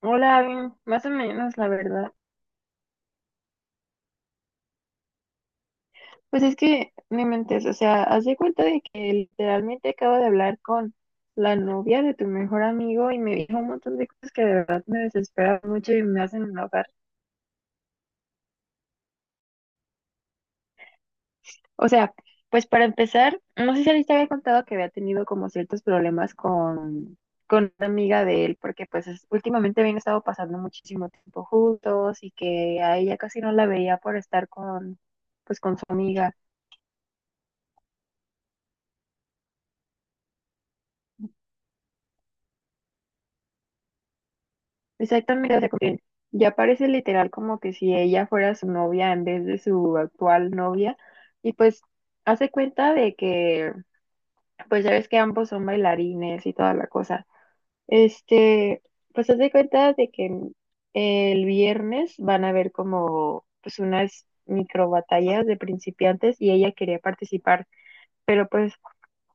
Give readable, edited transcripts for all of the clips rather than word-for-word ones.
Hola, más o menos, la verdad. Pues es que me mentes, o sea, haz de cuenta de que literalmente acabo de hablar con la novia de tu mejor amigo y me dijo un montón de cosas que de verdad me desesperan mucho y me hacen enojar. O sea, pues para empezar, no sé si alguien te había contado que había tenido como ciertos problemas con una amiga de él, porque pues es- últimamente habían estado pasando muchísimo tiempo juntos y que a ella casi no la veía por estar con, pues con su amiga. Exactamente, o sea, como que ya parece literal como que si ella fuera su novia en vez de su actual novia. Y pues hace cuenta de que, pues ya ves que ambos son bailarines y toda la cosa. Este, pues hace cuenta de que el viernes van a haber como pues unas micro batallas de principiantes y ella quería participar, pero pues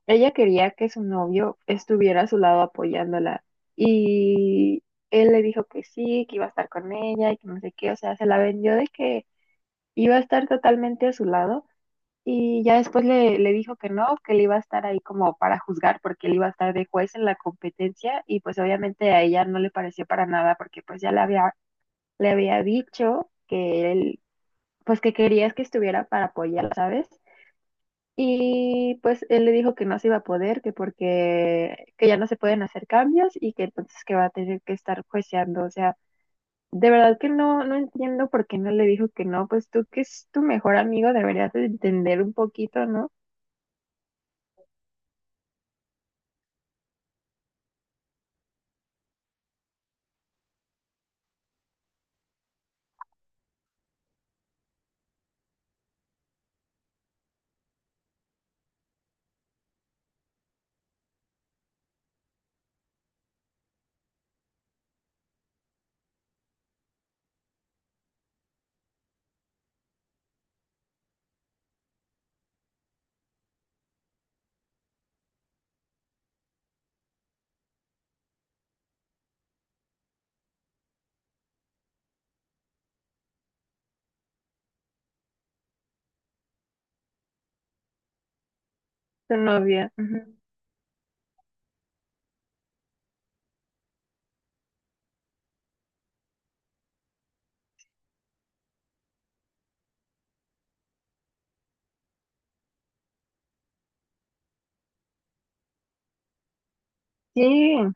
ella quería que su novio estuviera a su lado apoyándola y él le dijo que sí, que iba a estar con ella y que no sé qué, o sea, se la vendió de que iba a estar totalmente a su lado y ya después le dijo que no, que él iba a estar ahí como para juzgar porque él iba a estar de juez en la competencia y pues obviamente a ella no le pareció para nada porque pues ya le había dicho que él, pues que querías que estuviera para apoyar, ¿sabes? Y pues él le dijo que no se iba a poder, que porque que ya no se pueden hacer cambios y que entonces que va a tener que estar jueceando. O sea, de verdad que no, no entiendo por qué no le dijo que no. Pues tú que es tu mejor amigo deberías de entender un poquito, ¿no? Tu novia. Ujú. Sí,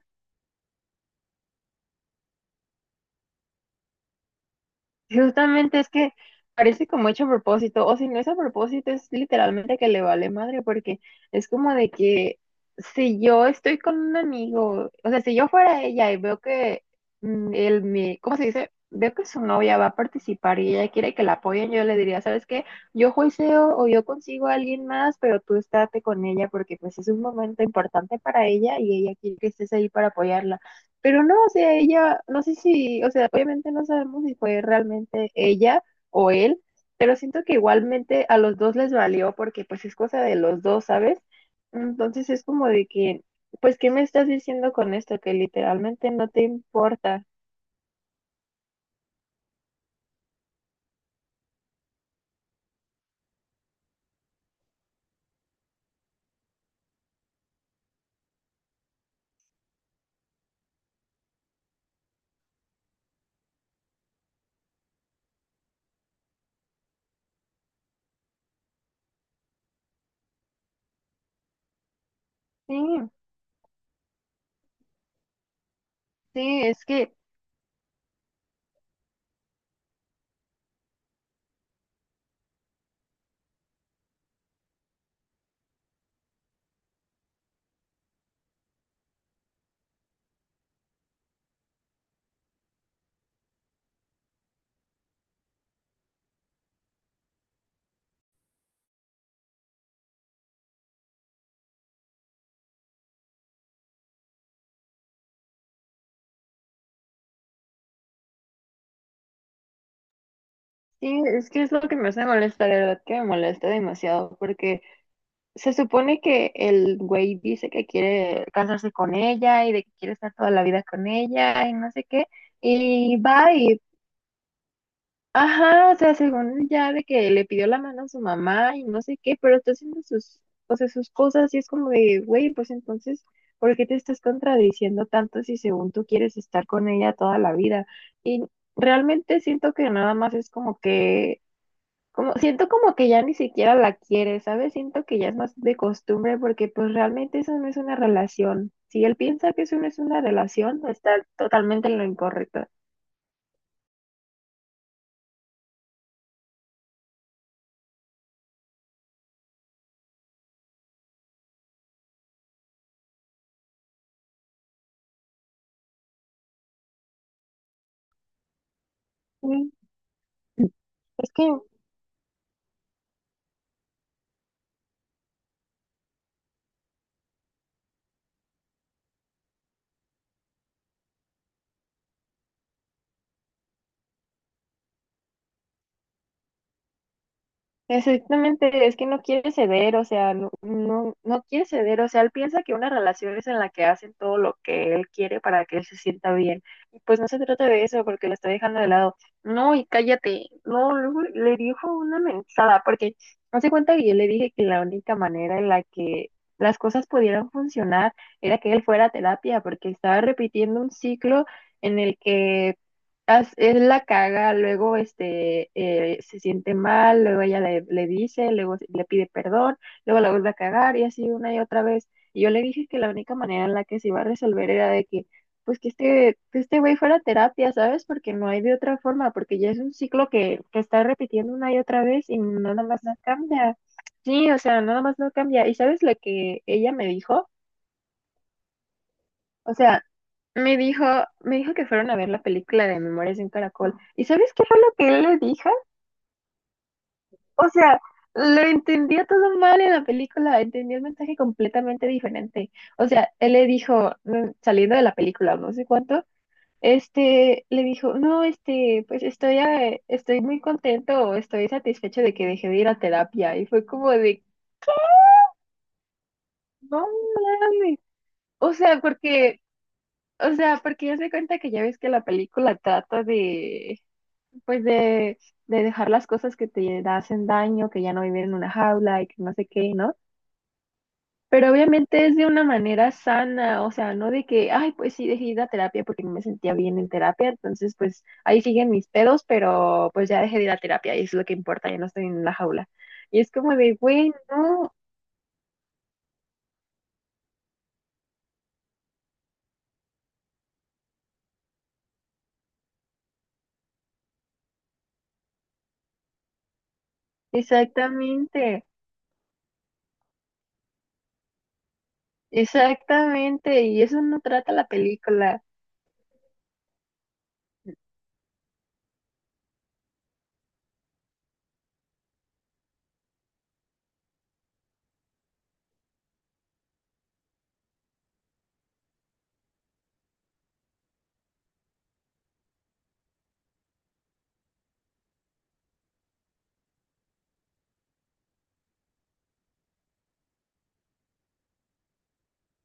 justamente es que parece como hecho a propósito, o si no es a propósito, es literalmente que le vale madre, porque es como de que si yo estoy con un amigo, o sea, si yo fuera ella y veo que él me, ¿cómo se dice? Veo que su novia va a participar y ella quiere que la apoyen, yo le diría, ¿sabes qué? Yo juiceo o yo consigo a alguien más, pero tú estate con ella porque pues es un momento importante para ella y ella quiere que estés ahí para apoyarla. Pero no, o sea, ella, no sé si, o sea, obviamente no sabemos si fue realmente ella o él, pero siento que igualmente a los dos les valió porque pues es cosa de los dos, ¿sabes? Entonces es como de que, pues, ¿qué me estás diciendo con esto? Que literalmente no te importa. Sí, sí, es que, sí, es que es lo que me hace molestar, de verdad que me molesta demasiado porque se supone que el güey dice que quiere casarse con ella y de que quiere estar toda la vida con ella y no sé qué. Y va y, ajá, o sea, según ya de que le pidió la mano a su mamá y no sé qué, pero está haciendo sus, o sea, sus cosas y es como de, güey, pues entonces, ¿por qué te estás contradiciendo tanto si según tú quieres estar con ella toda la vida? Y realmente siento que nada más es como que como, siento como que ya ni siquiera la quiere, ¿sabes? Siento que ya es más de costumbre porque pues realmente eso no es una relación. Si él piensa que eso no es una relación, está totalmente en lo incorrecto. Sí, es que exactamente, es que no quiere ceder, o sea, no, no, no quiere ceder, o sea, él piensa que una relación es en la que hacen todo lo que él quiere para que él se sienta bien. Y pues no se trata de eso, porque lo está dejando de lado. No, y cállate, no, luego le dijo una mensada, porque no se cuenta que yo le dije que la única manera en la que las cosas pudieran funcionar era que él fuera a terapia, porque estaba repitiendo un ciclo en el que as- él la caga, luego se siente mal, luego ella le, le dice, luego se- le pide perdón, luego la vuelve a cagar y así una y otra vez. Y yo le dije que la única manera en la que se iba a resolver era de que, pues que este güey fuera a terapia, ¿sabes? Porque no hay de otra forma, porque ya es un ciclo que está repitiendo una y otra vez y no, nada más no cambia. Sí, o sea, nada más no cambia. ¿Y sabes lo que ella me dijo? O sea, me dijo, me dijo que fueron a ver la película de Memorias de un Caracol. ¿Y sabes qué fue lo que él le dijo? O sea, lo entendía todo mal en la película, entendía el mensaje completamente diferente. O sea, él le dijo, saliendo de la película, no sé cuánto, este, le dijo, no, este, pues estoy, estoy muy contento o estoy satisfecho de que dejé de ir a terapia. Y fue como de, no mames. O sea, porque, o sea, porque ya se cuenta que ya ves que la película trata de pues de dejar las cosas que te hacen daño, que ya no vivir en una jaula y que no sé qué, ¿no? Pero obviamente es de una manera sana, o sea, no de que, ay, pues sí, dejé de ir a terapia porque no me sentía bien en terapia, entonces pues ahí siguen mis pedos, pero pues ya dejé de ir a terapia y eso es lo que importa, ya no estoy en la jaula. Y es como de, güey, no, exactamente, exactamente, y eso no trata la película. Sí,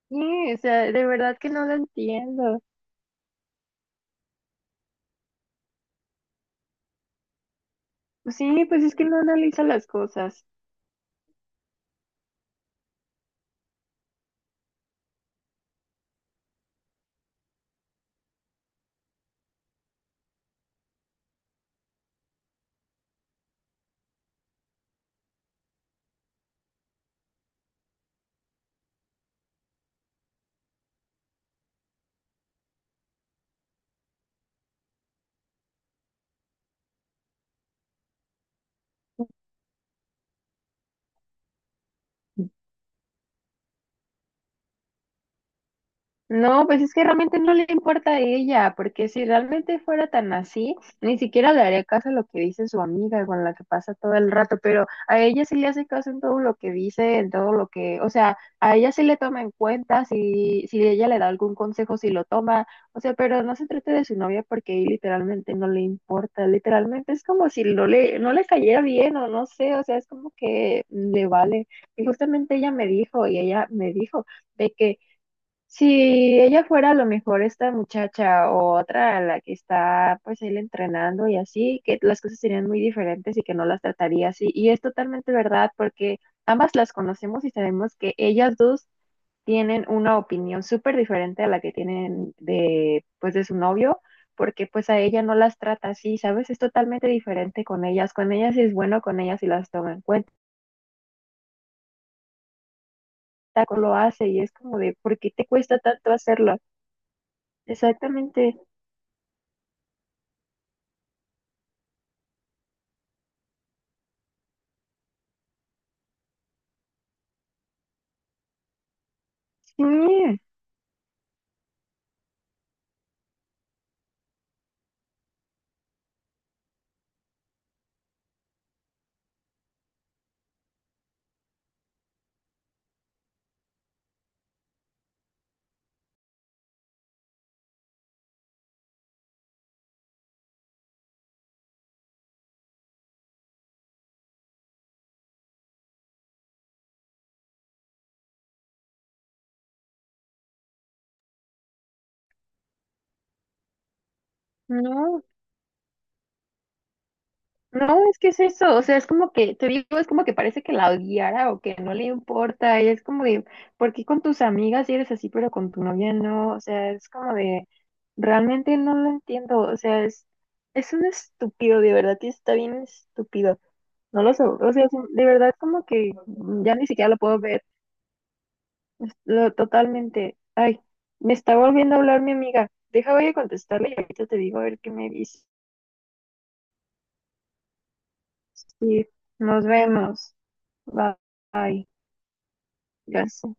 o sea, de verdad que no lo entiendo. Sí, pues es que no analiza las cosas. No, pues es que realmente no le importa a ella, porque si realmente fuera tan así, ni siquiera le haría caso a lo que dice su amiga con la que pasa todo el rato, pero a ella sí le hace caso en todo lo que dice, en todo lo que, o sea, a ella sí le toma en cuenta, si, si ella le da algún consejo, si lo toma, o sea, pero no se trate de su novia porque ahí literalmente no le importa, literalmente es como si no le, no le cayera bien o no sé, o sea, es como que le vale. Y justamente ella me dijo de que si ella fuera a lo mejor esta muchacha o otra a la que está pues él entrenando y así, que las cosas serían muy diferentes y que no las trataría así. Y es totalmente verdad porque ambas las conocemos y sabemos que ellas dos tienen una opinión súper diferente a la que tienen de pues de su novio, porque pues a ella no las trata así, ¿sabes? Es totalmente diferente con ellas. Con ellas es bueno, con ellas y las toma en cuenta, lo hace y es como de, ¿por qué te cuesta tanto hacerlo? Exactamente. Sí. No, no, es que es eso, o sea, es como que, te digo, es como que parece que la odiara o que no le importa, y es como de, ¿por qué con tus amigas sí eres así, pero con tu novia no? O sea, es como de, realmente no lo entiendo, o sea, es un estúpido, de verdad, y está bien estúpido, no lo sé, o sea, es un- de verdad, como que ya ni siquiera lo puedo ver, es lo- totalmente, ay, me está volviendo a hablar mi amiga, deja, voy a contestarle y ahorita te digo a ver qué me dice. Sí, nos vemos. Bye. Gracias.